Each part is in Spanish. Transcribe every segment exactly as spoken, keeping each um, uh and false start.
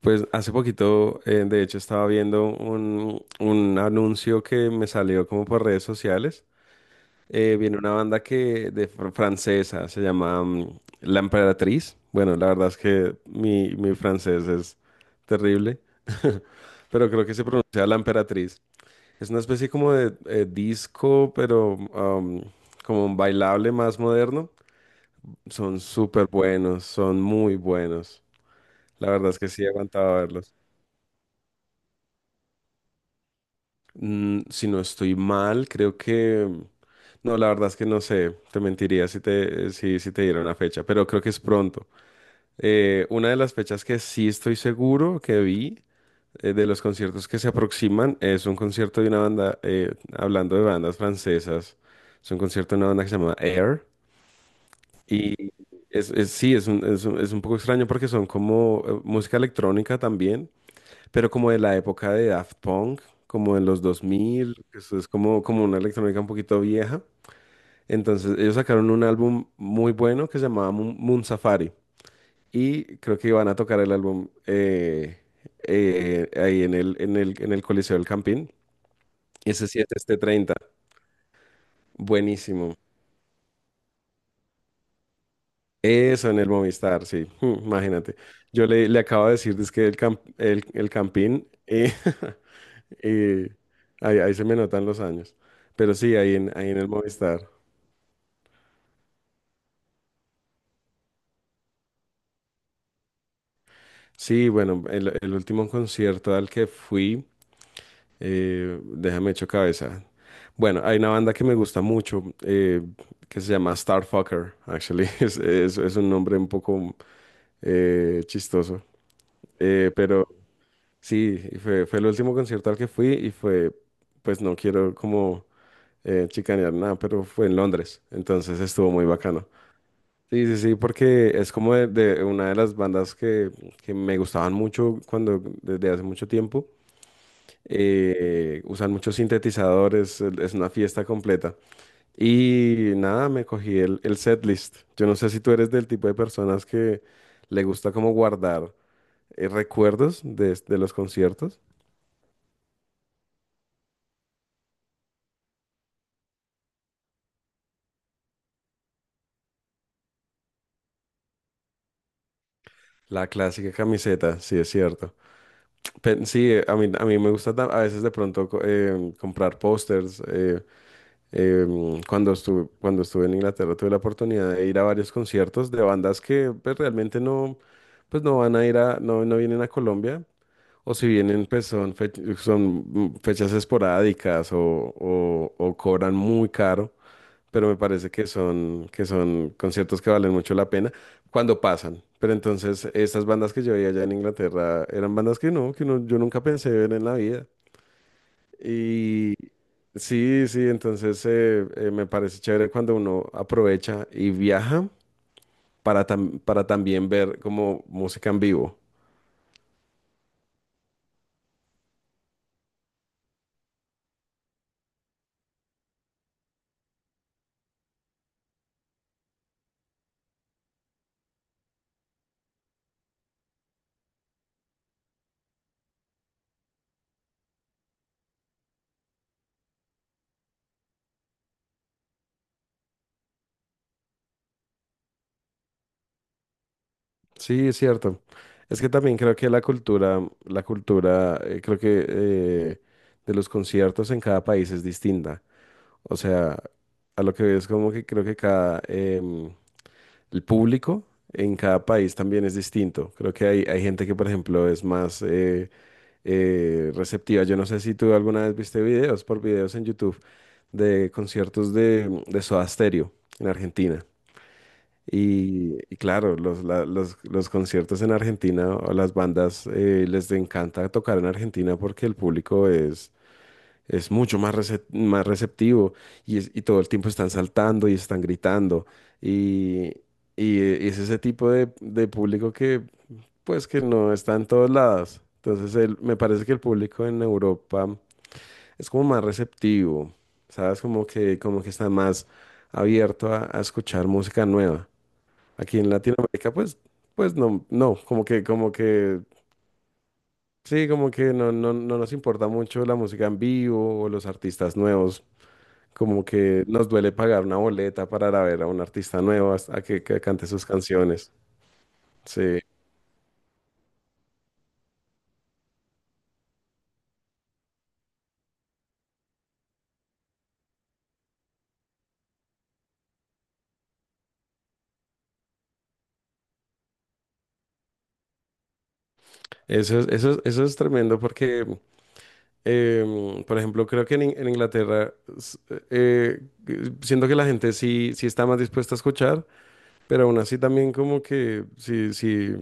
Pues hace poquito, eh, de hecho, estaba viendo un, un anuncio que me salió como por redes sociales. Eh, viene una banda que de fr- francesa, se llama mm, La Emperatriz. Bueno, la verdad es que mi, mi francés es terrible. Pero creo que se pronuncia La Emperatriz. Es una especie como de eh, disco, pero um, como un bailable más moderno. Son súper buenos, son muy buenos. La verdad es que sí aguantaba verlos. Mm, si no estoy mal, creo que. No, la verdad es que no sé, te mentiría si te, si, si te diera una fecha, pero creo que es pronto. Eh, una de las fechas que sí estoy seguro que vi, eh, de los conciertos que se aproximan, es un concierto de una banda, eh, hablando de bandas francesas, es un concierto de una banda que se llama Air. Y es, es- sí, es un, es un- es un poco extraño, porque son como eh, música electrónica también, pero como de la época de Daft Punk, como de los dos mil, que eso es como, como una electrónica un poquito vieja. Entonces ellos sacaron un álbum muy bueno que se llamaba Moon Moon Safari, y creo que iban a tocar el álbum eh, eh, ahí en el, en el, en el Coliseo del Campín. Ese siete, este treinta, buenísimo. Eso en el Movistar, sí. Imagínate. Yo le, le acabo de decir que el, camp- el, el Campín. eh, Y ahí, ahí se me notan los años. Pero sí, ahí en, ahí en el Movistar. Sí, bueno, el, el último concierto al que fui, eh, déjame echo cabeza. Bueno, hay una banda que me gusta mucho, eh, que se llama Starfucker, actually. Es, es, es un nombre un poco eh, chistoso. Eh, pero sí, y fue, fue el último concierto al que fui, y fue, pues, no quiero como eh, chicanear nada, pero fue en Londres. Entonces estuvo muy bacano. Sí, sí, sí, porque es como de, de una de las bandas que, que me gustaban mucho cuando, desde hace mucho tiempo, eh, usan muchos sintetizadores. El- es una fiesta completa. Y nada, me cogí el, el setlist. Yo no sé si tú eres del tipo de personas que le gusta como guardar eh, recuerdos de, de los conciertos. La clásica camiseta, sí, es cierto. Pe- sí, eh, a mí, a mí me gusta, ta- a veces, de pronto, co- eh, comprar pósters. eh, Em, cuando estuve, cuando estuve en Inglaterra, tuve la oportunidad de ir a varios conciertos de bandas que, pues, realmente no, pues, no van a ir a, no, no vienen a Colombia, o si vienen, pues son, fe- son mm, fechas esporádicas, o, o, o cobran muy caro, pero me parece que son, que son conciertos que valen mucho la pena cuando pasan. Pero entonces, estas bandas que yo veía allá en Inglaterra eran bandas que no, que no, yo nunca pensé ver en la vida. Y sí, sí, entonces, eh, eh, me parece chévere cuando uno aprovecha y viaja para, tam- para también ver como música en vivo. Sí, es cierto. Es que también creo que la cultura, la cultura, eh, creo que, eh, de los conciertos, en cada país es distinta. O sea, a lo que veo es como que creo que cada, em, el público en cada país también es distinto. Creo que hay, hay gente que, por ejemplo, es más eh, eh, receptiva. Yo no sé si tú alguna vez viste videos, por videos en YouTube, de conciertos de, de Soda Stereo en Argentina. Y, y claro, los, la- los, los conciertos en Argentina, o las bandas, eh, les encanta tocar en Argentina porque el público es, es mucho más, recep- más receptivo, y, es- y todo el tiempo están saltando y están gritando. Y, y, eh, es ese tipo de, de público que, pues, que no está en todos lados. Entonces, el- me parece que el público en Europa es como más receptivo, ¿sabes? Como que, como que está más abierto a, a escuchar música nueva. Aquí en Latinoamérica, pues, pues no, no, como que, como que, sí, como que no, no, no nos importa mucho la música en vivo o los artistas nuevos. Como que nos duele pagar una boleta para ir a ver a un artista nuevo hasta- a que, que cante sus canciones. Sí, eso es, eso es- eso es tremendo porque, Em, por ejemplo, creo que en, In- en Inglaterra, s- eh, eh, siento que la gente sí, sí está más dispuesta a escuchar, pero aún así también como que sí, sí,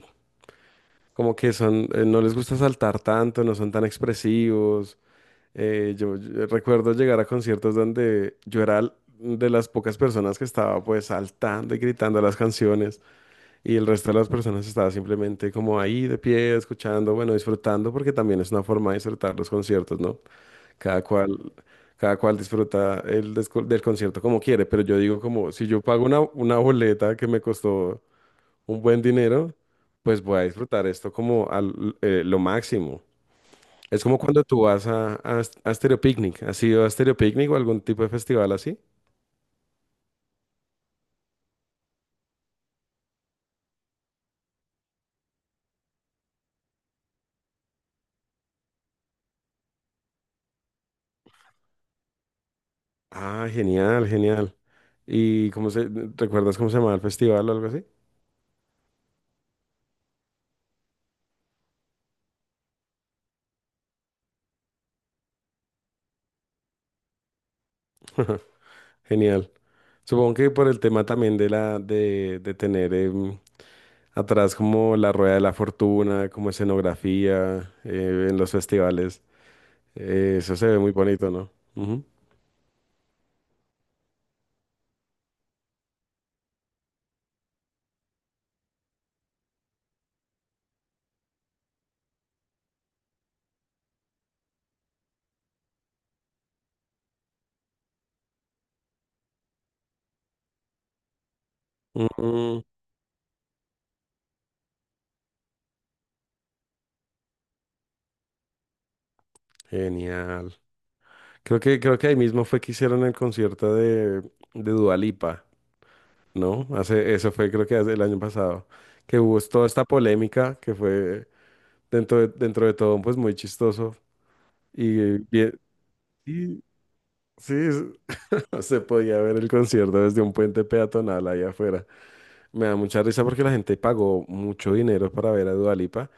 como que son, eh, no les gusta saltar tanto, no son tan expresivos. Eh, yo, yo eh, recuerdo llegar a conciertos donde yo era l- de las pocas personas que estaba, pues, saltando y gritando las canciones, y el resto de las personas estaba simplemente como ahí, de pie, escuchando, bueno, disfrutando, porque también es una forma de disfrutar los conciertos, ¿no? Cada cual, cada cual disfruta el desco- del concierto como quiere, pero yo digo, como, si yo pago una, una boleta que me costó un buen dinero, pues voy a disfrutar esto, como al, eh, lo máximo. Es como cuando tú vas a, a, a Stereo Picnic. ¿Has ido a Stereo Picnic o algún tipo de festival así? Ah, genial, genial. ¿Y cómo se, recuerdas cómo se llamaba el festival o algo así? Genial. Supongo que por el tema también de la, de, de tener, em, Atrás, como la rueda de la fortuna, como escenografía, eh, en los festivales. Eh, eso se ve muy bonito, ¿no? Ujú. Mm, genial. Creo que, creo que ahí mismo fue que hicieron el concierto de, de Dua Lipa, ¿no? Hace, eso fue, creo que, hace el año pasado, que hubo, es- toda esta polémica, que fue, dentro de, dentro de todo, pues, muy chistoso, y bien, y sí, es- se podía ver el concierto desde un puente peatonal allá afuera. Me da mucha risa porque la gente pagó mucho dinero para ver a Dua Lipa,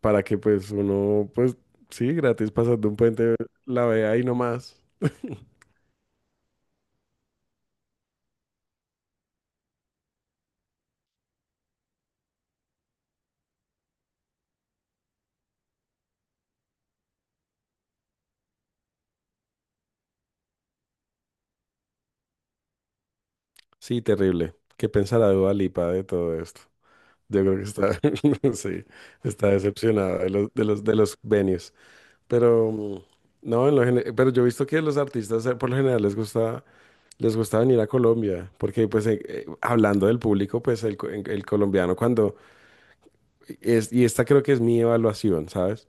para que, pues, uno, pues, sí, gratis pasando un puente, la vea ahí nomás. Sí, terrible. ¿Qué pensará Dua Lipa de todo esto? Yo creo que está, sí, está decepcionada de los, de los, de los venues. Pero mm, no, en lo gene- pero yo he visto que los artistas, eh, por lo general, les gusta, les gusta, venir a Colombia, porque, pues, eh, eh, hablando del público, pues el, co- el colombiano, cuando es, y esta creo que es mi evaluación, ¿sabes?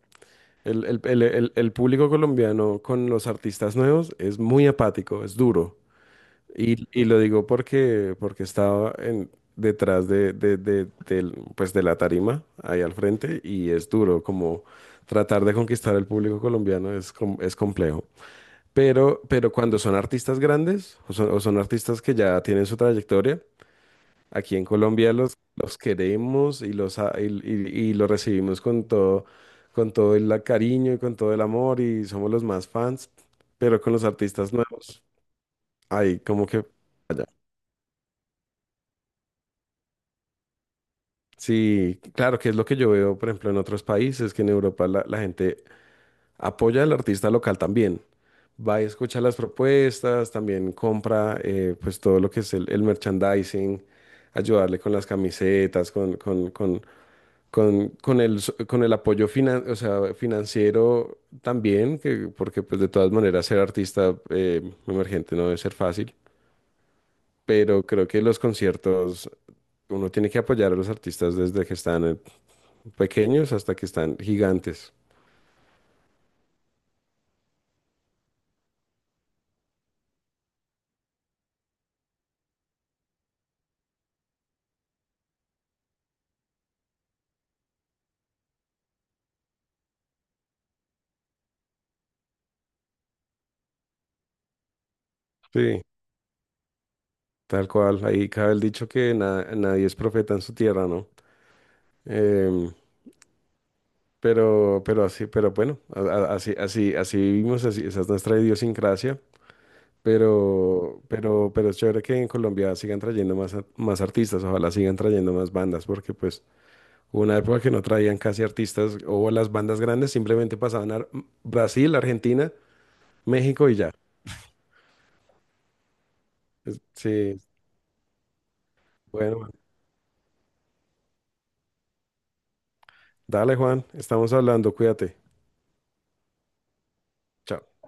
El, el- el- el- el público colombiano con los artistas nuevos es muy apático, es duro. Y, y lo digo porque, porque estaba, en- detrás de, de, de- del- pues de la tarima, ahí al frente, y es duro como tratar de conquistar el público colombiano. Es, com- es complejo. Pero, pero cuando son artistas grandes, o son, o son artistas que ya tienen su trayectoria, Aquí en Colombia los, los queremos, y los, a- y, y- y los recibimos con todo, con todo el, la- cariño, y con todo el amor, y somos los más fans, pero con los artistas nuevos, ahí como que falla. Sí, claro, que es lo que yo veo, por ejemplo, en otros países, que en Europa la, la gente apoya al artista local también. Va y escucha las propuestas, también compra, eh, pues, todo lo que es el, el merchandising, ayudarle con las camisetas, con, con, con, Con, con el, so- con el apoyo finan, o sea, financiero también, que, porque, pues, de todas maneras, ser artista eh, emergente no debe ser fácil, pero creo que los conciertos, uno tiene que apoyar a los artistas desde que están, eh, pequeños, hasta que están gigantes. Sí, tal cual. Ahí cabe el dicho que na- nadie es profeta en su tierra, ¿no? Em, pero, pero así, pero bueno, a- a- así, así, así vivimos, así, esa es nuestra idiosincrasia. Pero, pero, pero es chévere que en Colombia sigan trayendo más, a- más artistas, ojalá sigan trayendo más bandas, porque, pues, hubo una época que no traían casi artistas, o las bandas grandes simplemente pasaban a Ar- Brasil, Argentina, México y ya. Es- Sí, bueno, dale Juan, estamos hablando, cuídate. Chao.